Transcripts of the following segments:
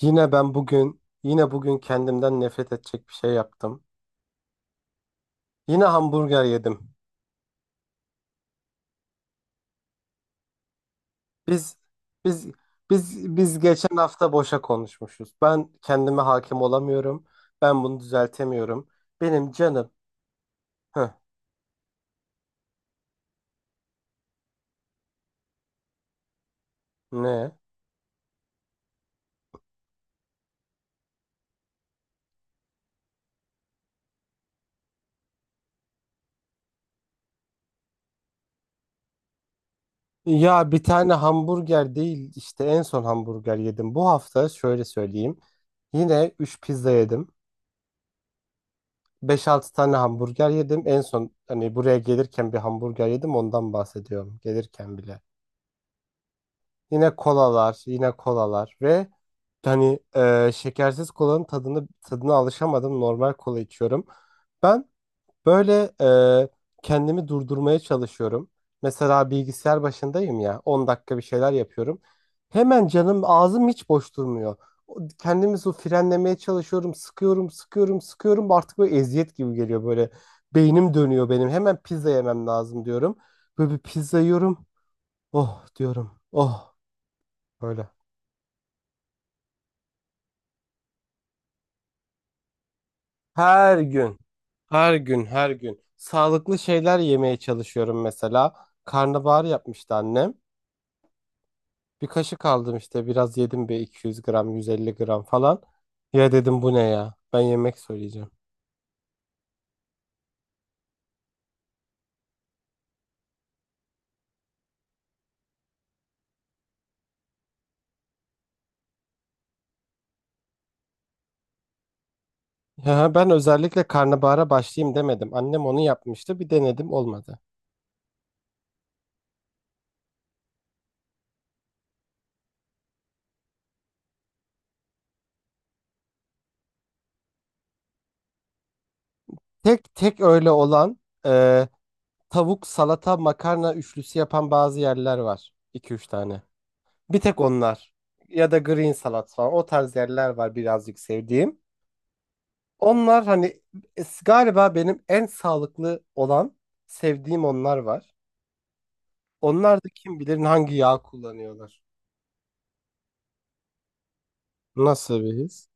Yine ben bugün, yine bugün kendimden nefret edecek bir şey yaptım. Yine hamburger yedim. Biz, biz, biz geçen hafta boşa konuşmuşuz. Ben kendime hakim olamıyorum. Ben bunu düzeltemiyorum. Benim canım. Heh, ne? Ya bir tane hamburger değil işte en son hamburger yedim. Bu hafta şöyle söyleyeyim. Yine 3 pizza yedim. Beş altı tane hamburger yedim. En son hani buraya gelirken bir hamburger yedim ondan bahsediyorum. Gelirken bile. Yine kolalar, yine kolalar ve hani şekersiz kolanın tadını tadına alışamadım. Normal kola içiyorum. Ben böyle e, kendimi durdurmaya çalışıyorum. Mesela bilgisayar başındayım ya 10 dakika bir şeyler yapıyorum. Hemen canım ağzım hiç boş durmuyor. Kendimi su frenlemeye çalışıyorum. Sıkıyorum, sıkıyorum, sıkıyorum. Artık böyle eziyet gibi geliyor böyle. Beynim dönüyor benim. Hemen pizza yemem lazım diyorum. Böyle bir pizza yiyorum. Oh diyorum. Oh böyle. Her gün, her gün, her gün sağlıklı şeyler yemeye çalışıyorum mesela. Karnabahar yapmıştı annem. Bir kaşık aldım işte biraz yedim bir 200 gram, 150 gram falan. Ya dedim bu ne ya? Ben yemek söyleyeceğim. Ya ben özellikle karnabahara başlayayım demedim. Annem onu yapmıştı. Bir denedim olmadı. Tek tek öyle olan e, tavuk, salata, makarna üçlüsü yapan bazı yerler var. 2 üç tane. Bir tek onlar ya da green salat falan o tarz yerler var birazcık sevdiğim. Onlar hani galiba benim en sağlıklı olan sevdiğim onlar var. Onlar da kim bilir hangi yağ kullanıyorlar. Nasıl bir his?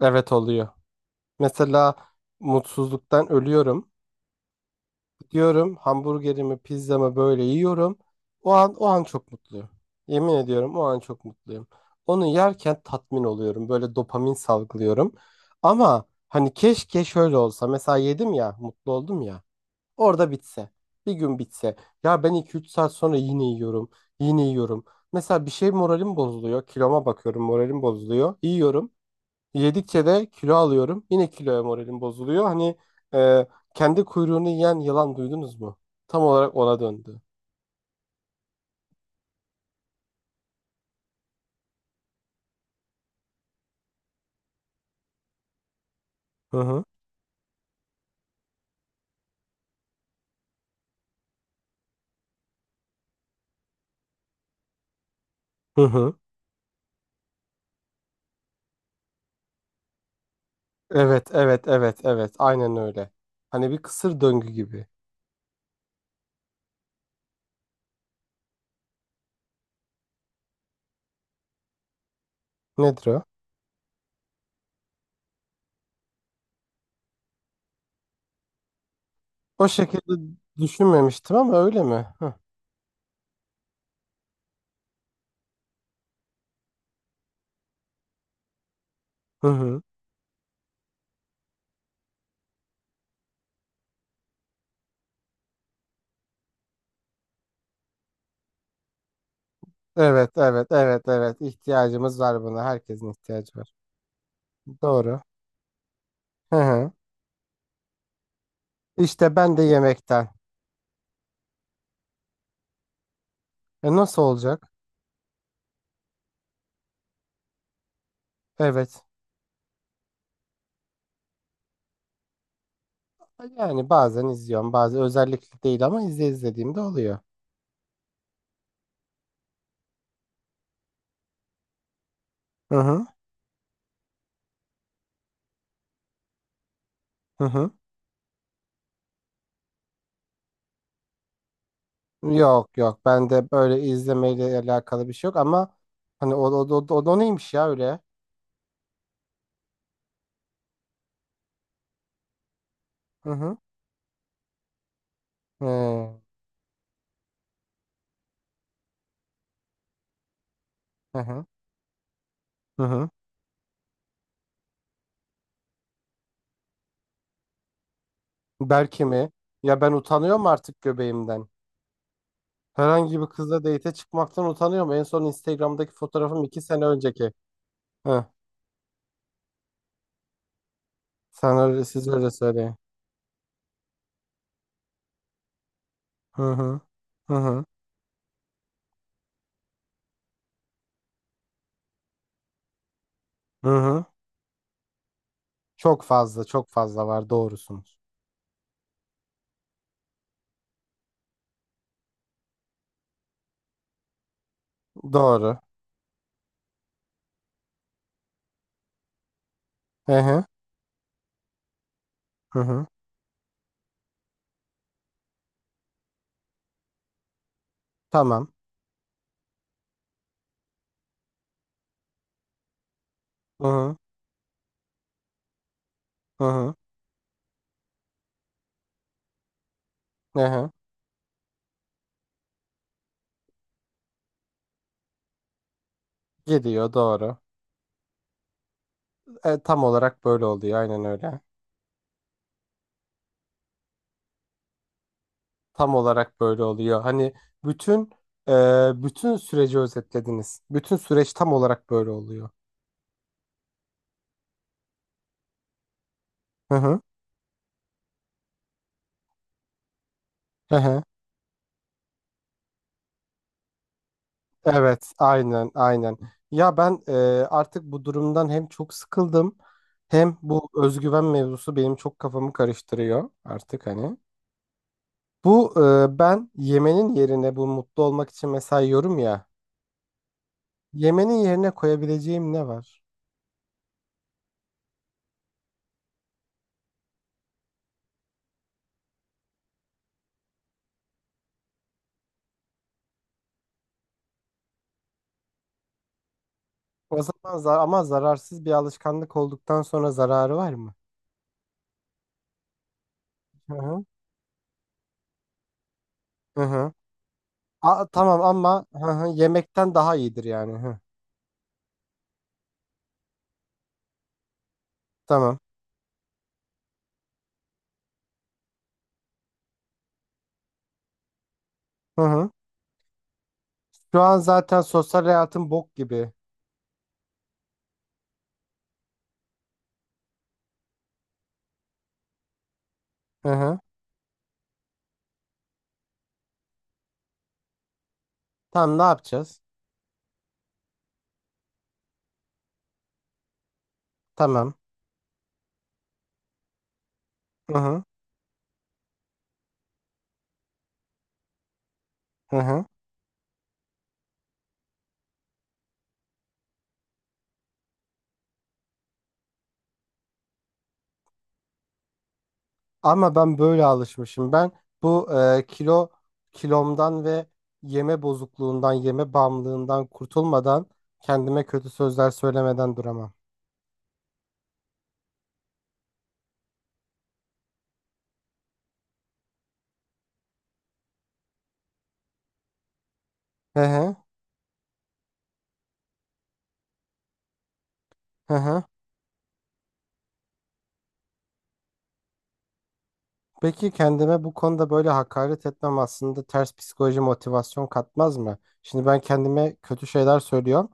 Evet oluyor. Mesela mutsuzluktan ölüyorum. Diyorum hamburgerimi, pizzamı böyle yiyorum. O an o an çok mutluyum. Yemin ediyorum o an çok mutluyum. Onu yerken tatmin oluyorum. Böyle dopamin salgılıyorum. Ama hani keşke şöyle olsa. Mesela yedim ya, mutlu oldum ya. Orada bitse. Bir gün bitse. Ya ben iki üç saat sonra yine yiyorum. Yine yiyorum. Mesela bir şey moralim bozuluyor. Kiloma bakıyorum, moralim bozuluyor. Yiyorum. Yedikçe de kilo alıyorum. Yine kiloya moralim bozuluyor. Hani e, kendi kuyruğunu yiyen yılan duydunuz mu? Tam olarak ona döndü. Hı hı. Hı hı. Evet, evet, evet, evet. Aynen öyle. Hani bir kısır döngü gibi. Nedir o? O şekilde düşünmemiştim ama öyle mi? Hı hı. Hı. Evet, evet, evet, evet. İhtiyacımız var buna. Herkesin ihtiyacı var. Doğru. Hı hı. İşte ben de yemekten. E nasıl olacak? Evet. Yani bazen izliyorum, bazen özellikle değil ama izlediğimde oluyor. Hı hı, hı hı. Yok yok, bende böyle izlemeyle alakalı bir şey yok ama hani o neymiş ya öyle? Hı hı. He, hı hı. Hı hı. Belki mi? Ya ben utanıyorum artık göbeğimden. Herhangi bir kızla date'e çıkmaktan utanıyorum. En son Instagram'daki fotoğrafım iki sene önceki. Hı. Sen öyle, siz öyle söyleyin. Hı hı. Hı hı. Hı hı. Çok fazla, çok fazla var. Doğrusunuz. Doğru. Hı hı. Hı hı. Tamam. Hı hı. Hı hı. Hı hı. Gidiyor doğru. E, tam olarak böyle oluyor. Aynen öyle. Tam olarak böyle oluyor. Hani bütün bütün süreci özetlediniz. Bütün süreç tam olarak böyle oluyor. Hı hı. Hı hı. Evet, aynen, aynen. Ya ben artık bu durumdan hem çok sıkıldım hem bu özgüven mevzusu benim çok kafamı karıştırıyor artık hani. Bu ben yemenin yerine bu mutlu olmak için mesela yiyorum ya. Yemenin yerine koyabileceğim ne var? O zaman ama zararsız bir alışkanlık olduktan sonra zararı var mı? Hı hı. Hı hı. Tamam ama hı hı, yemekten daha iyidir yani. Hı. Tamam. Hı hı. Şu an zaten sosyal hayatım bok gibi. Hı hı. Tamam ne yapacağız? Tamam. Hı hı. Hı hı. Ama ben böyle alışmışım. Ben bu kilomdan ve yeme bozukluğundan, yeme bağımlılığından kurtulmadan kendime kötü sözler söylemeden duramam. Hı hı. Hı hı. Peki kendime bu konuda böyle hakaret etmem aslında ters psikoloji motivasyon katmaz mı? Şimdi ben kendime kötü şeyler söylüyorum.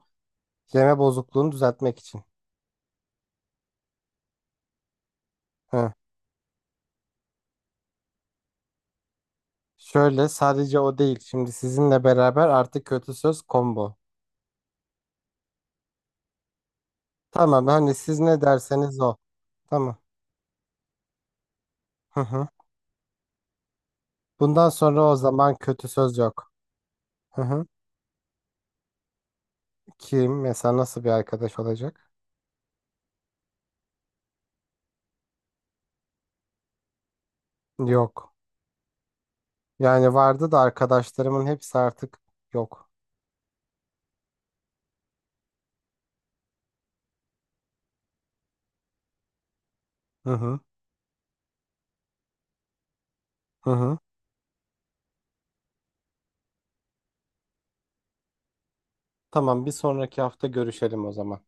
Yeme bozukluğunu düzeltmek için. Hı. Şöyle sadece o değil. Şimdi sizinle beraber artık kötü söz combo. Tamam hani siz ne derseniz o. Tamam. Hı hı. Bundan sonra o zaman kötü söz yok. Hı hı. Kim mesela nasıl bir arkadaş olacak? Yok. Yani vardı da arkadaşlarımın hepsi artık yok. Hı hı. Hı hı. Tamam, bir sonraki hafta görüşelim o zaman.